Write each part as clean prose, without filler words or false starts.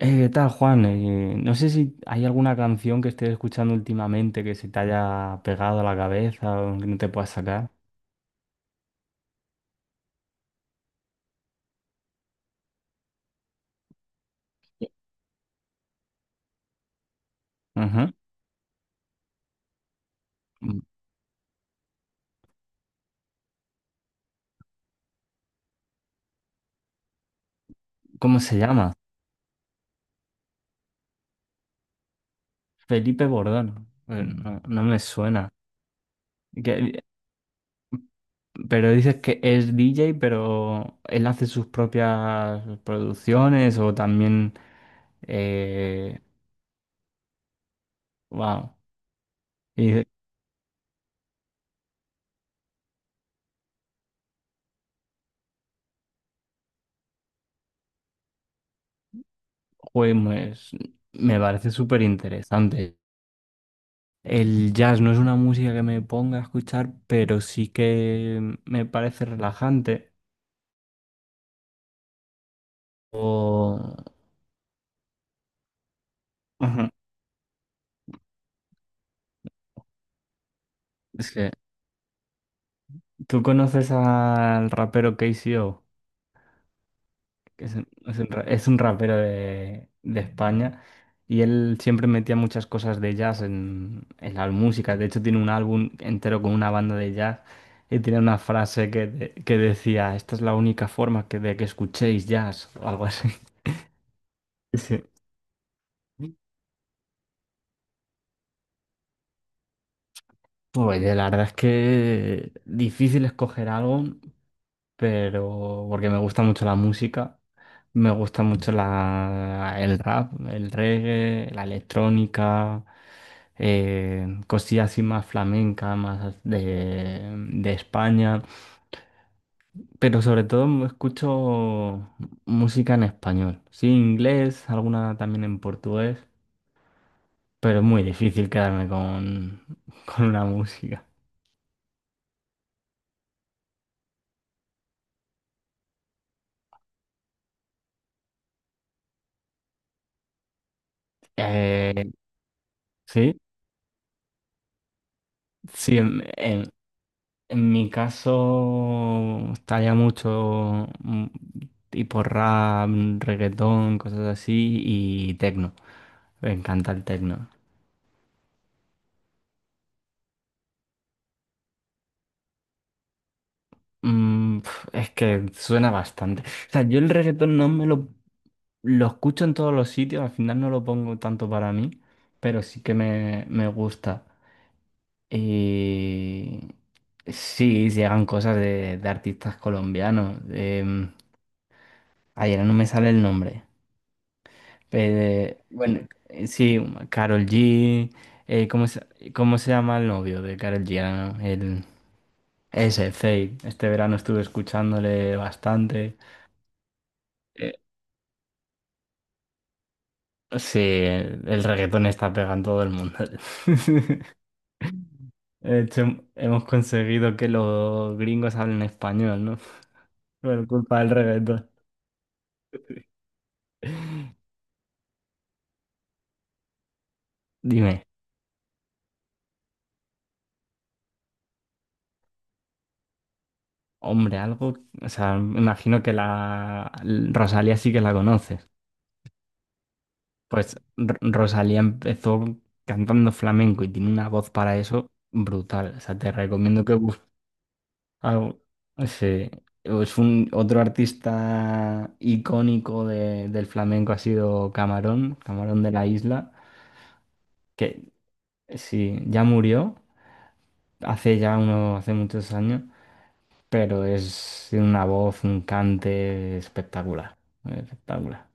¿Qué tal, Juan? No sé si hay alguna canción que estés escuchando últimamente que se te haya pegado a la cabeza o que no te puedas sacar. Ajá. ¿Cómo se llama? Felipe Bordón. No, no me suena. Que- pero dices que es DJ, pero él hace sus propias producciones o también... Eh, wow. Y dices, "Joder, pues, me parece súper interesante. El jazz no es una música que me ponga a escuchar, pero sí que me parece relajante. O... Ujú. Es que tú conoces al rapero KCO, que es un, es un rapero de España, y él siempre metía muchas cosas de jazz en las músicas. De hecho, tiene un álbum entero con una banda de jazz y tiene una frase que decía, esta es la única forma de que escuchéis jazz o algo así. Sí. Pues la verdad es que difícil escoger algo, pero porque me gusta mucho la música, me gusta mucho el rap, el reggae, la electrónica, cosillas así más flamenca, de España, pero sobre todo escucho música en español, sí, inglés, alguna también en portugués, pero es muy difícil quedarme con, con una música. Eh, sí. Sí, en mi caso estaría mucho tipo rap, reggaetón, cosas así y tecno. Me encanta el tecno. Mm, pf, es que suena bastante. O sea, yo el reggaetón no me lo escucho en todos los sitios, al final no lo pongo tanto para mí, pero sí que me gusta. Y sí, llegan cosas de artistas colombianos. Ayer no me sale el nombre. Pero, bueno, sí, Karol G. ¿Cómo cómo se llama el novio de Karol G? Ah, no, el, ese, Fade. Este verano estuve escuchándole bastante. Eh, sí, el reggaetón está pegando todo el mundo. De hecho, hemos conseguido que los gringos hablen español, ¿no? Por culpa del reggaetón. Dime, hombre, algo. O sea, me imagino que la Rosalía sí que la conoces. Pues Rosalía empezó cantando flamenco y tiene una voz para eso brutal. O sea, te recomiendo que busques algo. Sí. Es un otro artista icónico del flamenco ha sido Camarón, Camarón de la Isla, que sí, ya murió hace muchos años, pero es tiene una voz, un cante espectacular, espectacular.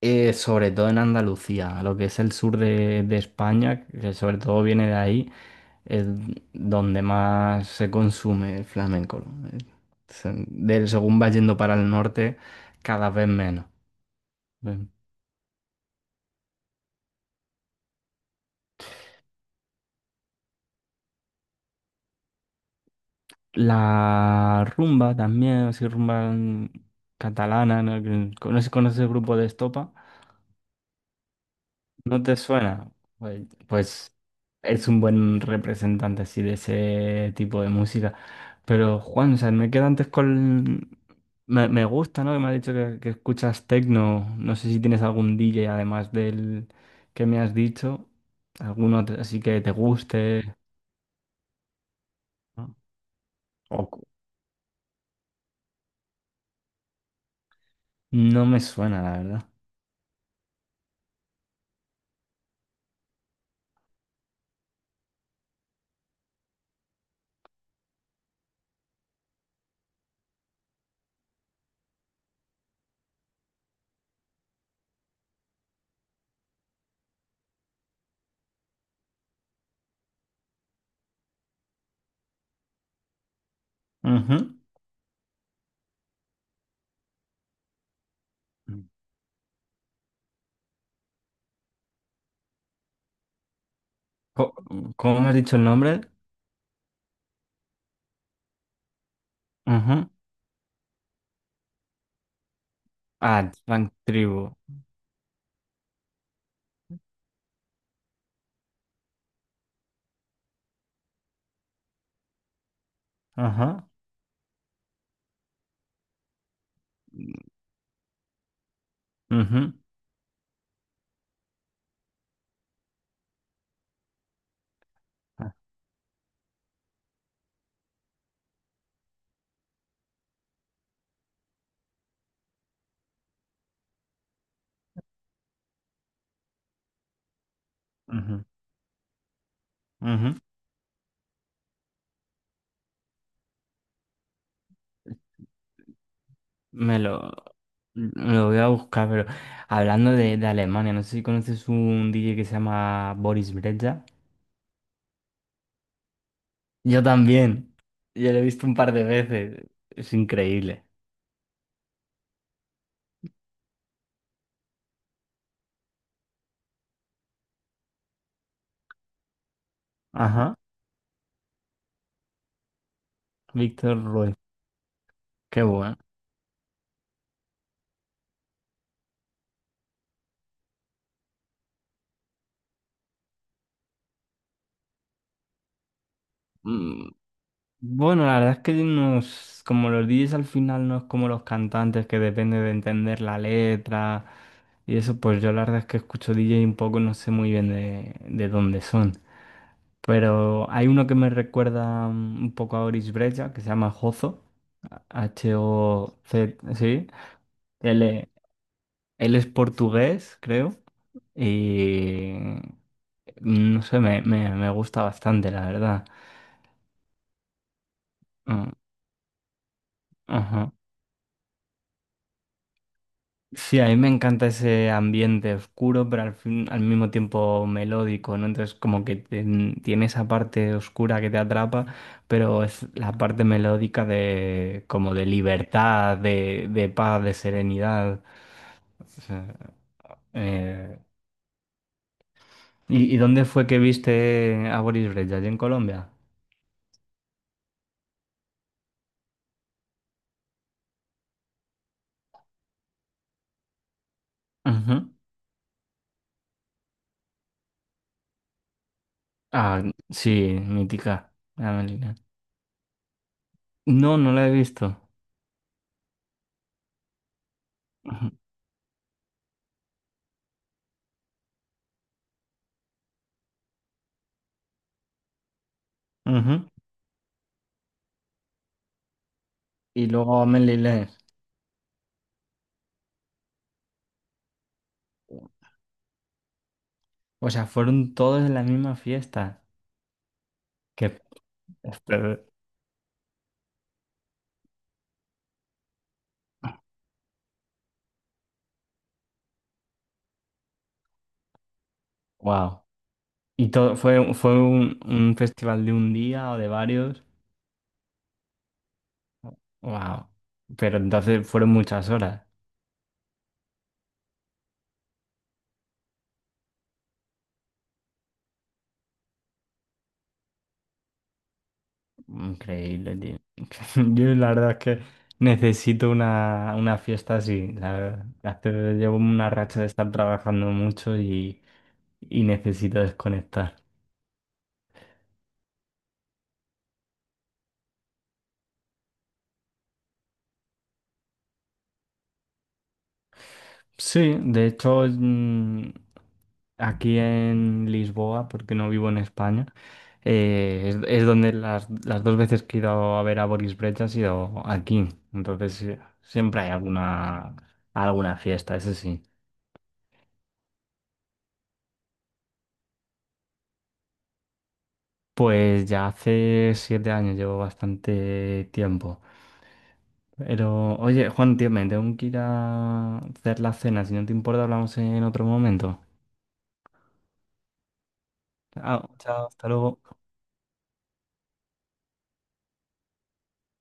Sobre todo en Andalucía, lo que es el sur de España, que sobre todo viene de ahí, es donde más se consume el flamenco. ¿No? Según va yendo para el norte, cada vez menos. Ven. La rumba también, así rumba catalana, ¿no? Conoces el grupo de Estopa? ¿No te suena? Pues es un buen representante así de ese tipo de música. Pero Juan, o sea, me quedo antes con... me gusta, ¿no? Que me has dicho que escuchas techno. No sé si tienes algún DJ además del que me has dicho. Alguno otro así que te guste. ¿No? O no me suena, la verdad. Ujú. Co- ¿Cómo me has dicho el nombre? Ujú. Ah, Funk Tribu. Ajá. Ujú. Ah, ujú. Ujú. Me lo, lo voy a buscar, pero hablando de Alemania, no sé si conoces un DJ que se llama Boris Brejcha. Yo también. Yo lo he visto un par de veces. Es increíble. Ajá. Víctor Ruiz. Qué bueno. Mm, Bueno, la verdad es que nos, como los DJs al final no es como los cantantes que depende de entender la letra y eso, pues yo la verdad es que escucho DJ un poco, no sé muy bien de dónde son. Pero hay uno que me recuerda un poco a Boris Brejcha, que se llama Jozo, H-O-Z, sí. Él, e- él es portugués, creo, y no sé, me gusta bastante, la verdad. Mm, ajá. Sí, a mí me encanta ese ambiente oscuro, pero al mismo tiempo melódico, ¿no? Entonces, como que tiene esa parte oscura que te atrapa, pero es la parte melódica de como de libertad, de paz, de serenidad. O sea, eh, y dónde fue que viste a Boris Brejcha? ¿Allí en Colombia? Ujú. Ah, sí, mítica, la Melina. No, no la he visto. Ujú. Ujú. Y luego a Melilé. O sea, fueron todos en la misma fiesta. Que, wow. Y todo fue un festival de un día o de varios. Wow. Pero entonces fueron muchas horas. Increíble, tío. Yo la verdad es que necesito una fiesta así. La verdad. Llevo una racha de estar trabajando mucho y necesito desconectar. Sí, de hecho, aquí en Lisboa, porque no vivo en España, es donde las dos veces que he ido a ver a Boris Brejcha ha sido aquí. Entonces, siempre hay alguna, alguna fiesta, eso sí. Pues ya hace 7 años, llevo bastante tiempo. Pero, oye, Juan, tío, me tengo que ir a hacer la cena. Si no te importa, hablamos en otro momento. Ah, chao, hasta luego.